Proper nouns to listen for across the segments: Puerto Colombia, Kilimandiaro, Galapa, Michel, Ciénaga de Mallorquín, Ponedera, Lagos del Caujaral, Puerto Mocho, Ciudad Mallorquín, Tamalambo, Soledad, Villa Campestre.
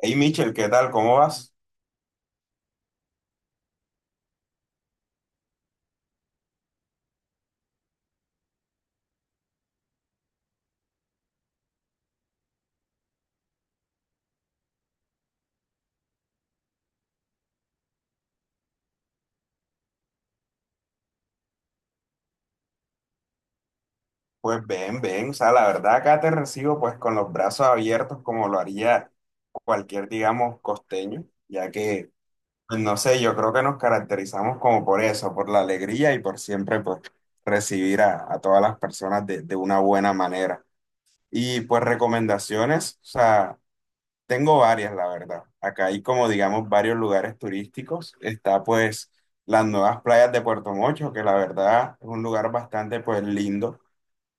Hey Michel, ¿qué tal? ¿Cómo vas? Pues bien, bien. O sea, la verdad acá te recibo pues con los brazos abiertos como lo haría cualquier, digamos, costeño, ya que, pues, no sé, yo creo que nos caracterizamos como por eso, por la alegría y por siempre pues recibir a todas las personas de una buena manera. Y pues recomendaciones, o sea, tengo varias, la verdad. Acá hay como, digamos, varios lugares turísticos. Está pues las nuevas playas de Puerto Mocho, que la verdad es un lugar bastante pues lindo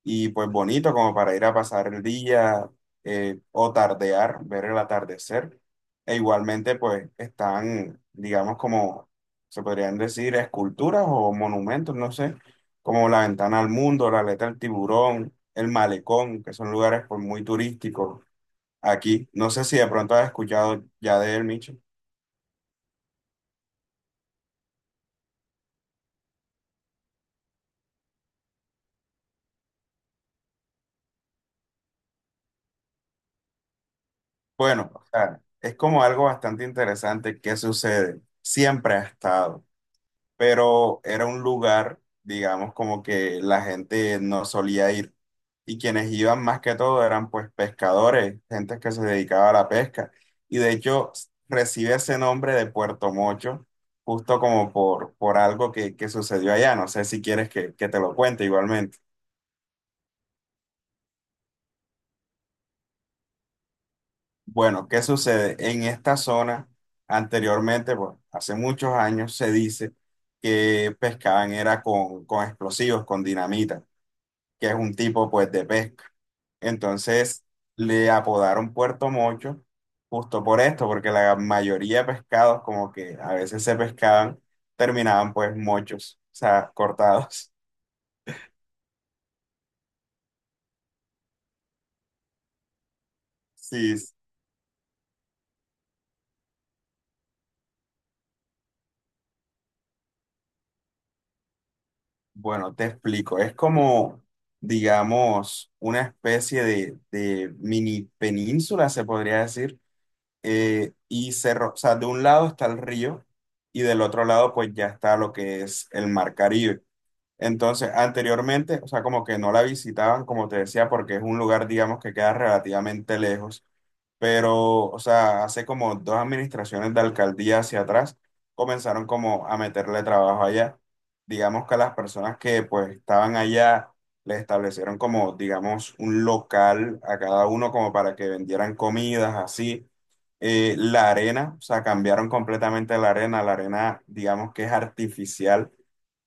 y pues bonito como para ir a pasar el día, o tardear, ver el atardecer. E igualmente pues están, digamos como se podrían decir, esculturas o monumentos, no sé, como la ventana al mundo, la aleta del tiburón, el malecón, que son lugares pues muy turísticos aquí. No sé si de pronto has escuchado ya de él, Micho. Bueno, o sea, es como algo bastante interesante que sucede. Siempre ha estado, pero era un lugar, digamos, como que la gente no solía ir. Y quienes iban más que todo eran pues pescadores, gente que se dedicaba a la pesca. Y de hecho recibe ese nombre de Puerto Mocho, justo como por algo que sucedió allá. No sé si quieres que te lo cuente igualmente. Bueno, ¿qué sucede? En esta zona, anteriormente, pues hace muchos años, se dice que pescaban era con explosivos, con dinamita, que es un tipo pues de pesca. Entonces le apodaron Puerto Mocho justo por esto, porque la mayoría de pescados como que a veces se pescaban, terminaban pues mochos, o sea, cortados. Sí, bueno, te explico, es como, digamos, una especie de mini península, se podría decir, y cerro, o sea, de un lado está el río y del otro lado pues ya está lo que es el mar Caribe. Entonces, anteriormente, o sea, como que no la visitaban, como te decía, porque es un lugar, digamos, que queda relativamente lejos pero, o sea, hace como dos administraciones de alcaldía hacia atrás comenzaron como a meterle trabajo allá. Digamos que a las personas que pues estaban allá les establecieron como, digamos, un local a cada uno como para que vendieran comidas, así. La arena, o sea, cambiaron completamente la arena. La arena, digamos que es artificial.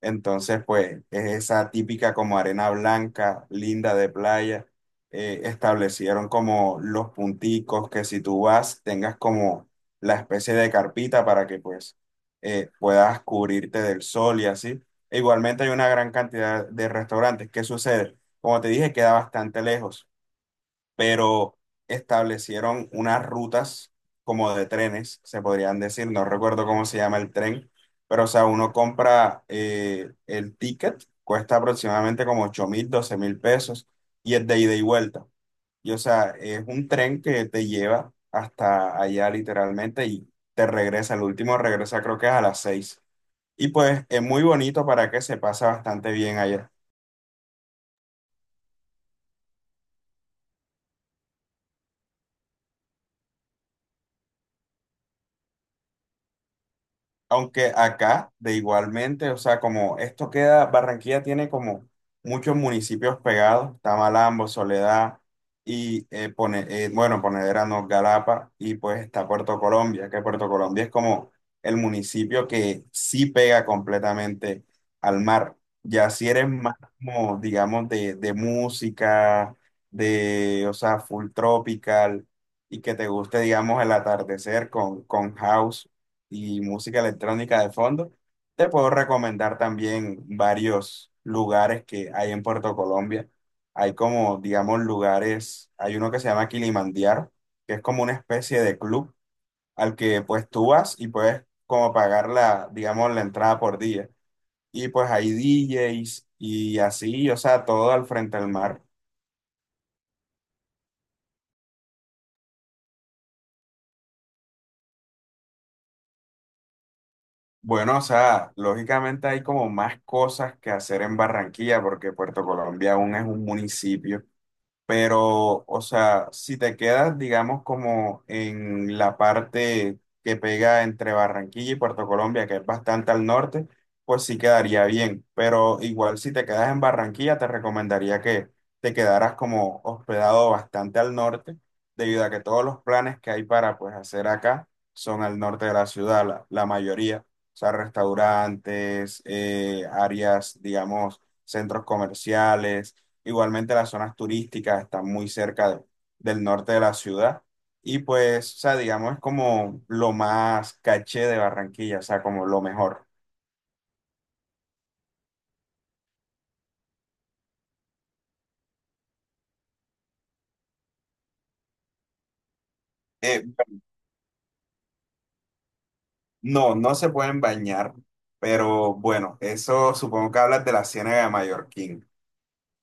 Entonces, pues es esa típica como arena blanca, linda de playa, establecieron como los punticos que si tú vas tengas como la especie de carpita para que pues puedas cubrirte del sol y así. E igualmente hay una gran cantidad de restaurantes. ¿Qué sucede? Como te dije, queda bastante lejos, pero establecieron unas rutas como de trenes, se podrían decir, no recuerdo cómo se llama el tren, pero o sea, uno compra el ticket, cuesta aproximadamente como 8.000, 12.000 pesos y es de ida y vuelta. Y o sea, es un tren que te lleva hasta allá literalmente y te regresa. El último regresa creo que es a las 6. Y pues es muy bonito para que se pasa bastante bien allá. Aunque acá, de igualmente, o sea, como esto queda, Barranquilla tiene como muchos municipios pegados, Tamalambo, Soledad y, bueno, Ponedera, no, Galapa, y pues está Puerto Colombia, que Puerto Colombia es como el municipio que sí pega completamente al mar. Ya si eres más como, digamos, de música, o sea, full tropical, y que te guste, digamos, el atardecer con house y música electrónica de fondo. Te puedo recomendar también varios lugares que hay en Puerto Colombia. Hay como, digamos, lugares, hay uno que se llama Kilimandiaro, que es como una especie de club al que pues tú vas y puedes como pagar la, digamos, la entrada por día. Y pues hay DJs y así, o sea, todo al frente del mar. Bueno, o sea, lógicamente hay como más cosas que hacer en Barranquilla porque Puerto Colombia aún es un municipio. Pero, o sea, si te quedas, digamos, como en la parte que pega entre Barranquilla y Puerto Colombia, que es bastante al norte, pues sí quedaría bien. Pero igual si te quedas en Barranquilla, te recomendaría que te quedaras como hospedado bastante al norte, debido a que todos los planes que hay para pues hacer acá son al norte de la ciudad, la mayoría. O sea, restaurantes, áreas, digamos, centros comerciales. Igualmente las zonas turísticas están muy cerca del norte de la ciudad y pues, o sea, digamos, es como lo más caché de Barranquilla, o sea, como lo mejor. Eh, no, no se pueden bañar, pero bueno, eso supongo que hablas de la Ciénaga de Mallorquín.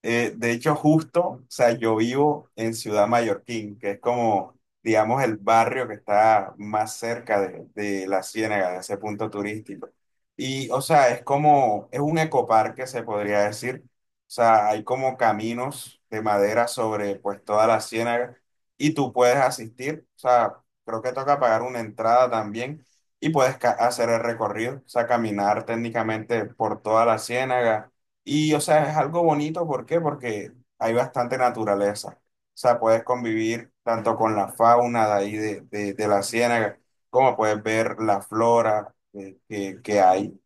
De hecho, justo, o sea, yo vivo en Ciudad Mallorquín, que es como, digamos, el barrio que está más cerca de la Ciénaga, de ese punto turístico. Y, o sea, es como, es un ecoparque, se podría decir. O sea, hay como caminos de madera sobre, pues, toda la Ciénaga y tú puedes asistir. O sea, creo que toca pagar una entrada también y puedes hacer el recorrido, o sea, caminar técnicamente por toda la Ciénaga y, o sea, es algo bonito, ¿por qué? Porque hay bastante naturaleza. O sea, puedes convivir tanto con la fauna de ahí de la ciénaga, como puedes ver la flora que hay.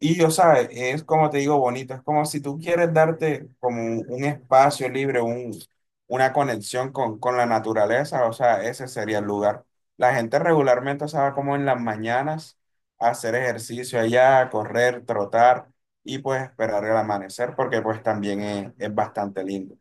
Y, o sea, es como te digo, bonito, es como si tú quieres darte como un espacio libre, una conexión con la naturaleza, o sea, ese sería el lugar. La gente regularmente, o sea, va como en las mañanas a hacer ejercicio allá, a correr, trotar y pues esperar el amanecer, porque pues también es bastante lindo.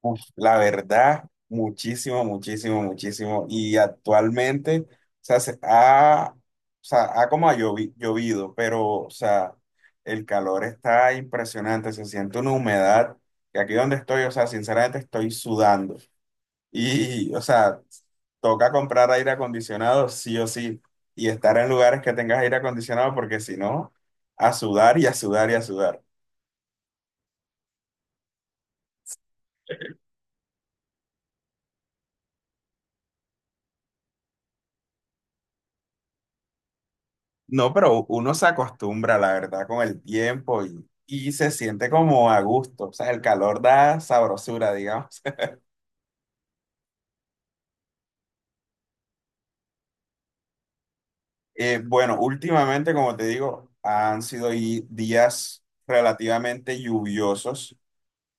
Uf, la verdad, muchísimo, muchísimo, muchísimo. Y actualmente, o sea, o sea, ha como llovido, pero, o sea, el calor está impresionante, se siente una humedad, que aquí donde estoy, o sea, sinceramente estoy sudando. Y, o sea, toca comprar aire acondicionado, sí o sí, y estar en lugares que tengas aire acondicionado, porque si no, a sudar y a sudar y a sudar. No, pero uno se acostumbra, la verdad, con el tiempo y se siente como a gusto. O sea, el calor da sabrosura, digamos. Bueno, últimamente, como te digo, han sido días relativamente lluviosos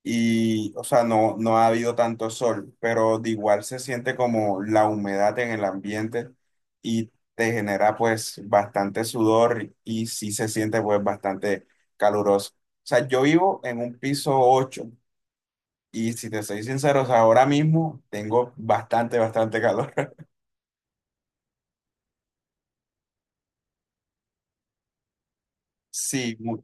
y, o sea, no, no ha habido tanto sol, pero de igual se siente como la humedad en el ambiente y te genera pues bastante sudor y sí se siente pues bastante caluroso. O sea, yo vivo en un piso ocho. Y si te soy sincero, o sea, ahora mismo tengo bastante, bastante calor. Sí,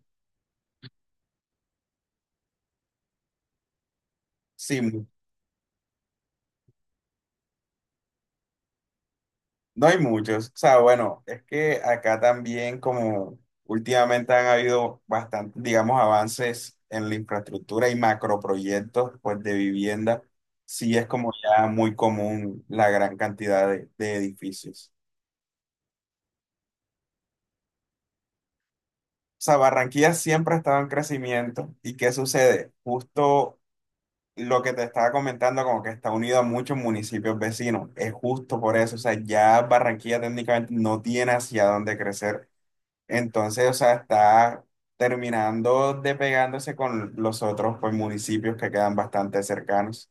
sí, no hay muchos. O sea, bueno, es que acá también como últimamente han habido bastante, digamos, avances en la infraestructura y macroproyectos, pues, de vivienda, sí es como ya muy común la gran cantidad de edificios. O sea, Barranquilla siempre ha estado en crecimiento. ¿Y qué sucede? Justo lo que te estaba comentando, como que está unido a muchos municipios vecinos, es justo por eso, o sea, ya Barranquilla técnicamente no tiene hacia dónde crecer, entonces, o sea, está terminando de pegándose con los otros, pues, municipios que quedan bastante cercanos.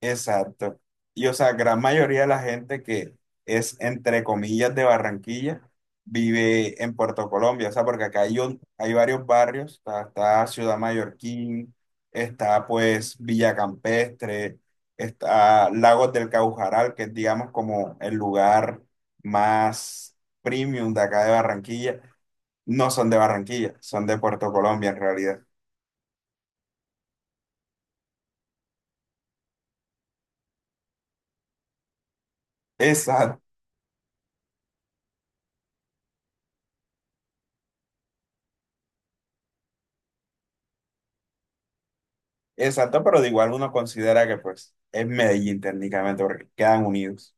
Exacto. Y o sea, gran mayoría de la gente que es, entre comillas, de Barranquilla, vive en Puerto Colombia. O sea, porque acá hay, hay varios barrios. Está Ciudad Mallorquín, está pues Villa Campestre, está Lagos del Caujaral, que es digamos como el lugar más premium de acá de Barranquilla. No son de Barranquilla, son de Puerto Colombia en realidad. Exacto. Exacto, pero de igual uno considera que pues es Medellín técnicamente porque quedan unidos.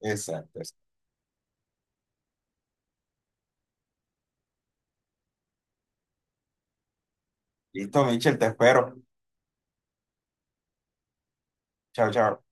Exacto. Listo, Michel, te espero. Chao, chao.